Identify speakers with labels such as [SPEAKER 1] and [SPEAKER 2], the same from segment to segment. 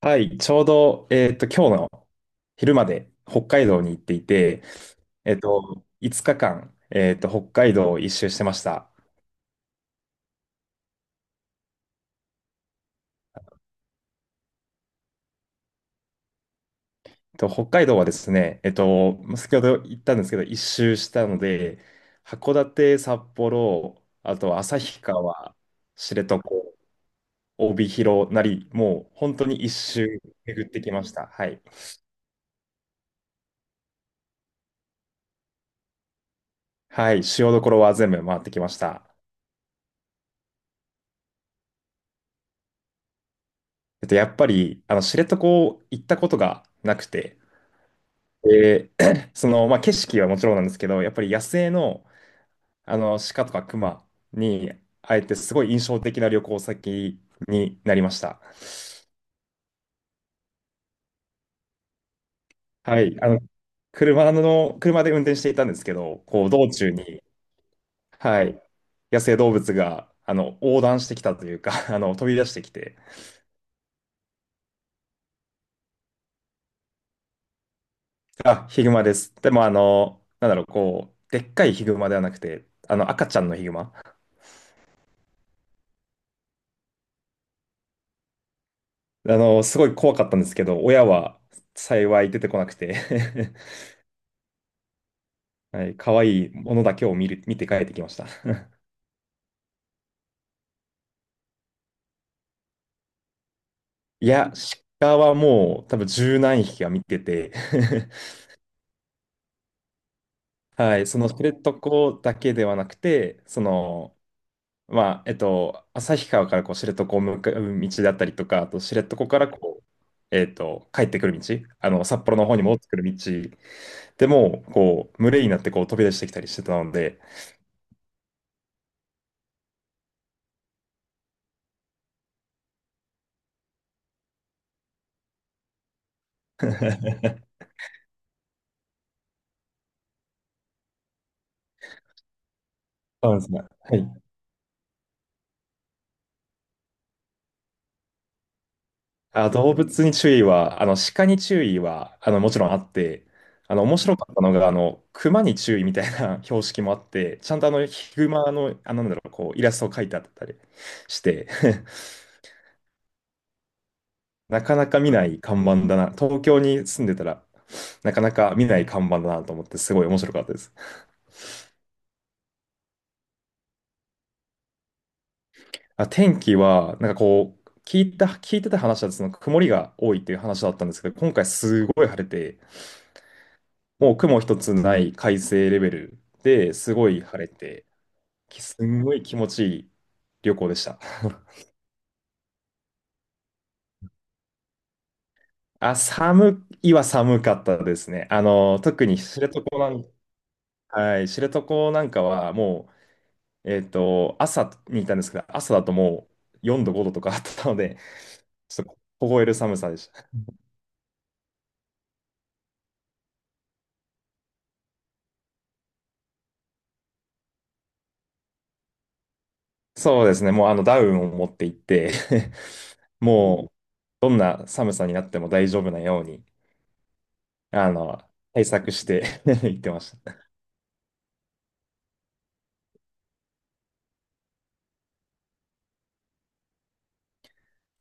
[SPEAKER 1] はい、ちょうど、今日の昼まで北海道に行っていて、5日間、北海道を一周してました。北海道はですね、先ほど言ったんですけど、一周したので、函館、札幌、あと旭川、知床、帯広なり、もう本当に一周巡ってきました。はい。はい、主要どころは全部回ってきました。やっぱり、知床行ったことがなくて、で、まあ、景色はもちろんなんですけど、やっぱり野生の、あの鹿とか熊に会えて、すごい印象的な旅行先になりました。はい、車で運転していたんですけど、こう道中に、はい、野生動物が横断してきたというか、飛び出してきて、あ、ヒグマです。でも、なんだろう、こう、でっかいヒグマではなくて、あの赤ちゃんのヒグマ。すごい怖かったんですけど、親は幸い出てこなくて、はい、可愛いものだけを見て帰ってきました。いや、鹿はもう多分十何匹は見てて。 はい、その知床だけではなくて、まあ、旭川からこう知床を向かう道だったりとか、あと知床からこう、帰ってくる道、札幌の方に戻ってくる道でも、こう、群れになってこう飛び出してきたりしてたので。そうですね。はい。あ、動物に注意は、鹿に注意は、もちろんあって、面白かったのが、熊に注意みたいな 標識もあって、ちゃんとヒグマの、なんだろう、こう、イラストを描いてあったりして、なかなか見ない看板だな。東京に住んでたら、なかなか見ない看板だなと思って、すごい面白かったです。あ、天気は、なんかこう、聞いてた話は、その曇りが多いっていう話だったんですけど、今回すごい晴れて、もう雲一つない快晴レベルですごい晴れて、きすんごい気持ちいい旅行でした。あ、寒いは寒かったですね。特に知床なん、はい、知床なんかはもう、朝に行ったんですけど、朝だともう4度、5度とかあったので、ちょっと凍える寒さでした。そうですね、もうあのダウンを持って行って、 もうどんな寒さになっても大丈夫なように、あの、対策して 行ってました。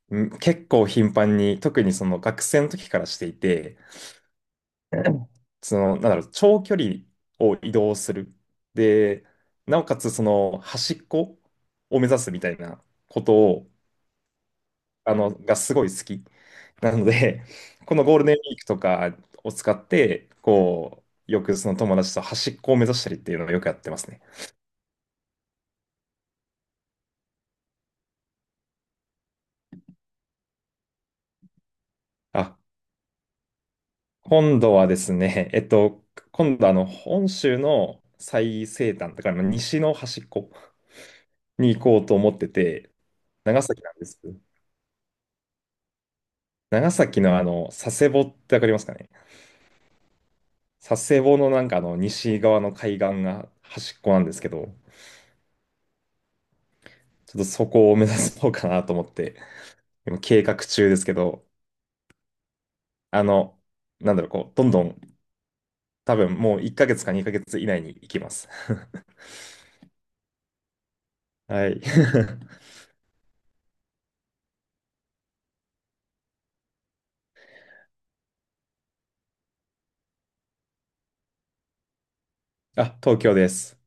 [SPEAKER 1] うん、結構頻繁に、特にその学生の時からしていて、なんだろう、長距離を移動する。で、なおかつその端っこを目指すみたいなことを、がすごい好き。なので、このゴールデンウィークとかを使って、こう、よくその友達と端っこを目指したりっていうのをよくやってますね。あ、今度はですね、今度本州の最西端、だからまあ西の端っこに行こうと思ってて、長崎なんです。長崎の佐世保ってわかりますかね？佐世保のなんか西側の海岸が端っこなんですけど、ちょっとそこを目指そうかなと思って、今計画中ですけど、あの、なんだろう、こう、どんどん、多分もう1ヶ月か2ヶ月以内に行きます。はい。あ、東京です。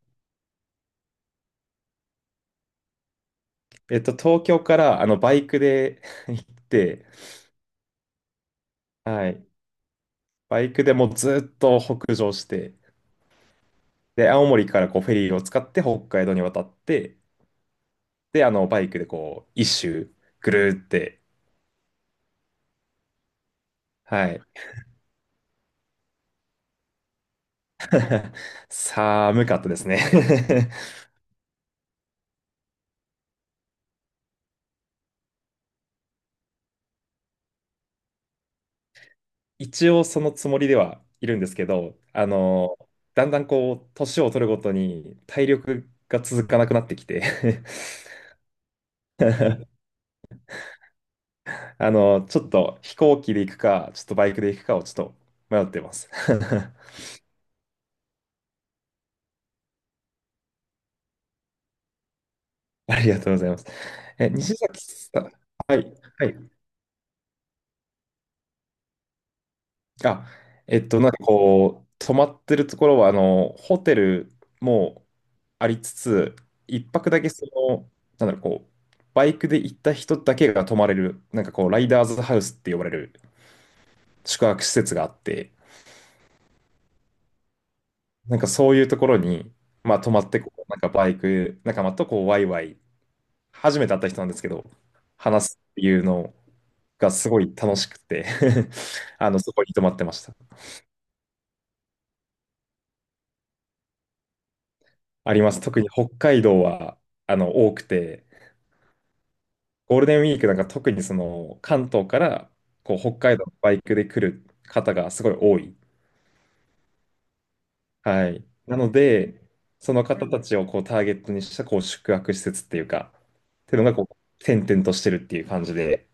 [SPEAKER 1] 東京からバイクで 行って、はい。バイクでもうずっと北上して、で、青森からこうフェリーを使って北海道に渡って、で、バイクでこう、一周ぐるーって、はい。寒かったですね。 一応そのつもりではいるんですけど、だんだんこう、年を取るごとに体力が続かなくなってきて、 ちょっと飛行機で行くか、ちょっとバイクで行くかをちょっと迷ってます。 ありがとうございます。え、西崎さん。はい、はい。あ、なんかこう、泊まってるところは、ホテルもありつつ、一泊だけなんだろう、こう、バイクで行った人だけが泊まれる、なんかこう、ライダーズハウスって呼ばれる宿泊施設があって、なんかそういうところに、まあ、泊まってこう、なんかバイク仲間とこう、ワイワイ、初めて会った人なんですけど、話すっていうのがすごい楽しくて、 そこに泊まってました。あります。特に北海道は、多くて、ゴールデンウィークなんか特にその関東からこう北海道のバイクで来る方がすごい多い。はい。なので、その方たちをこうターゲットにしたこう宿泊施設っていうか、っていうのがこう点々としてるっていう感じで、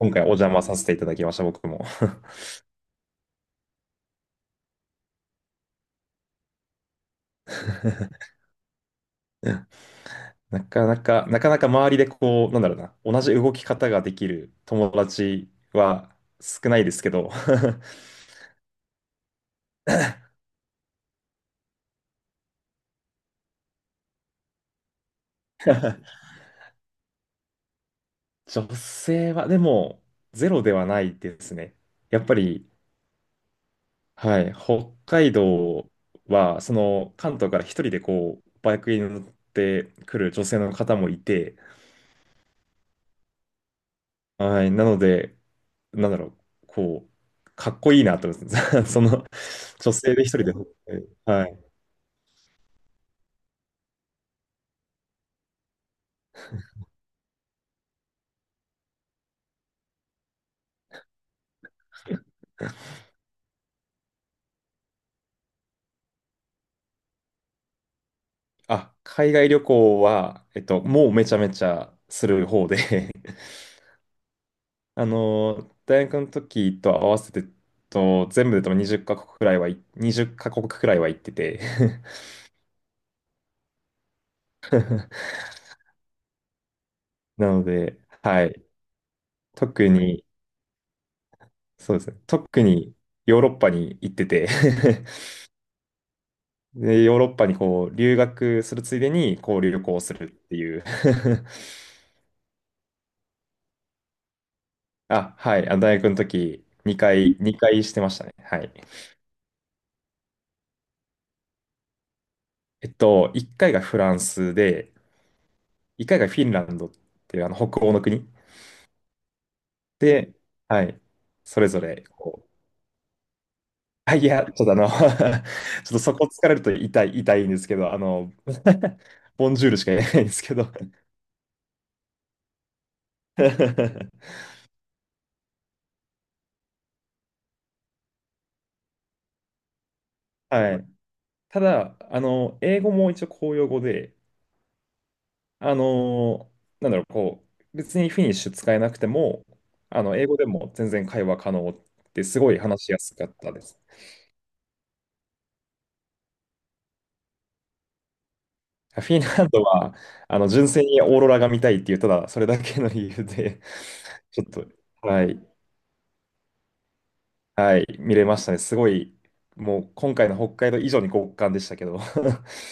[SPEAKER 1] 今回お邪魔させていただきました、僕も。なかなか、なかなか周りでこう、なんだろうな、同じ動き方ができる友達は少ないですけど。女性はでもゼロではないですね。やっぱり、はい、北海道は、その関東から一人でこう、バイクに乗ってくる女性の方もいて、はい、なので、なんだろう、こう、かっこいいなと思って、その女性で一人で海。はい。あ、海外旅行は、もうめちゃめちゃする方で、 大学の時と合わせて、全部で多分20カ国くらいは行ってて、 なので、はい。特に、そうですね。特にヨーロッパに行ってて、 で、ヨーロッパにこう留学するついでにこう旅行するっていう。 あ、はい。あ、大学の時2回してましたね。はい。1回がフランスで、1回がフィンランドっていうあの北欧の国で、はい。それぞれこう、あ、いや、ちょっとあの ちょっとそこ疲れると痛い、痛いんですけど、ボンジュールしか言えないんですけど。 はい。ただ、英語も一応公用語で、あの、なんだろう、こう、別にフィニッシュ使えなくても、英語でも全然会話可能ってすごい話しやすかったです。フィンランドは、純粋にオーロラが見たいっていう、ただそれだけの理由で、ちょっと、はい、はい、見れましたね。すごい、もう今回の北海道以上に極寒でしたけど。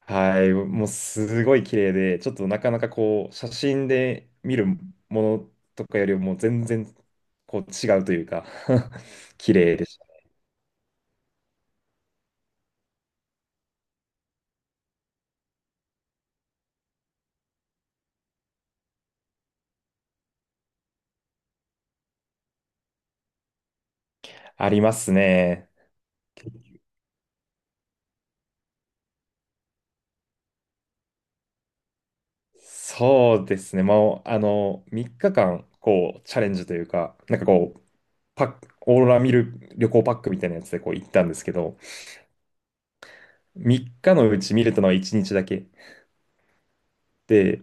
[SPEAKER 1] はい、もうすごい綺麗で、ちょっとなかなかこう、写真で見るものとかよりも全然こう違うというか、 綺麗でした。ありますね。そうですね、もう3日間こうチャレンジというか、なんかこう、パック、オーロラ見る旅行パックみたいなやつでこう行ったんですけど、3日のうち見れたのは1日だけ。で、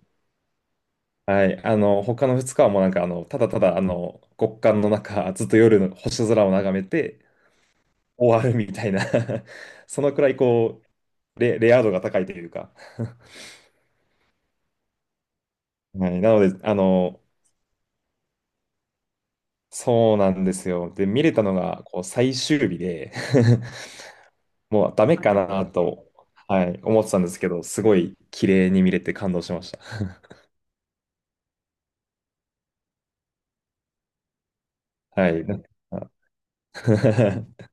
[SPEAKER 1] はい。他の2日はもうなんか、ただただ、極寒の中、ずっと夜の星空を眺めて終わるみたいな。 そのくらい、こう、レア度が高いというか。はい。なので、そうなんですよ。で、見れたのが、こう、最終日で、 もうダメかなと、はい、思ってたんですけど、すごい綺麗に見れて感動しました。はい。なんか。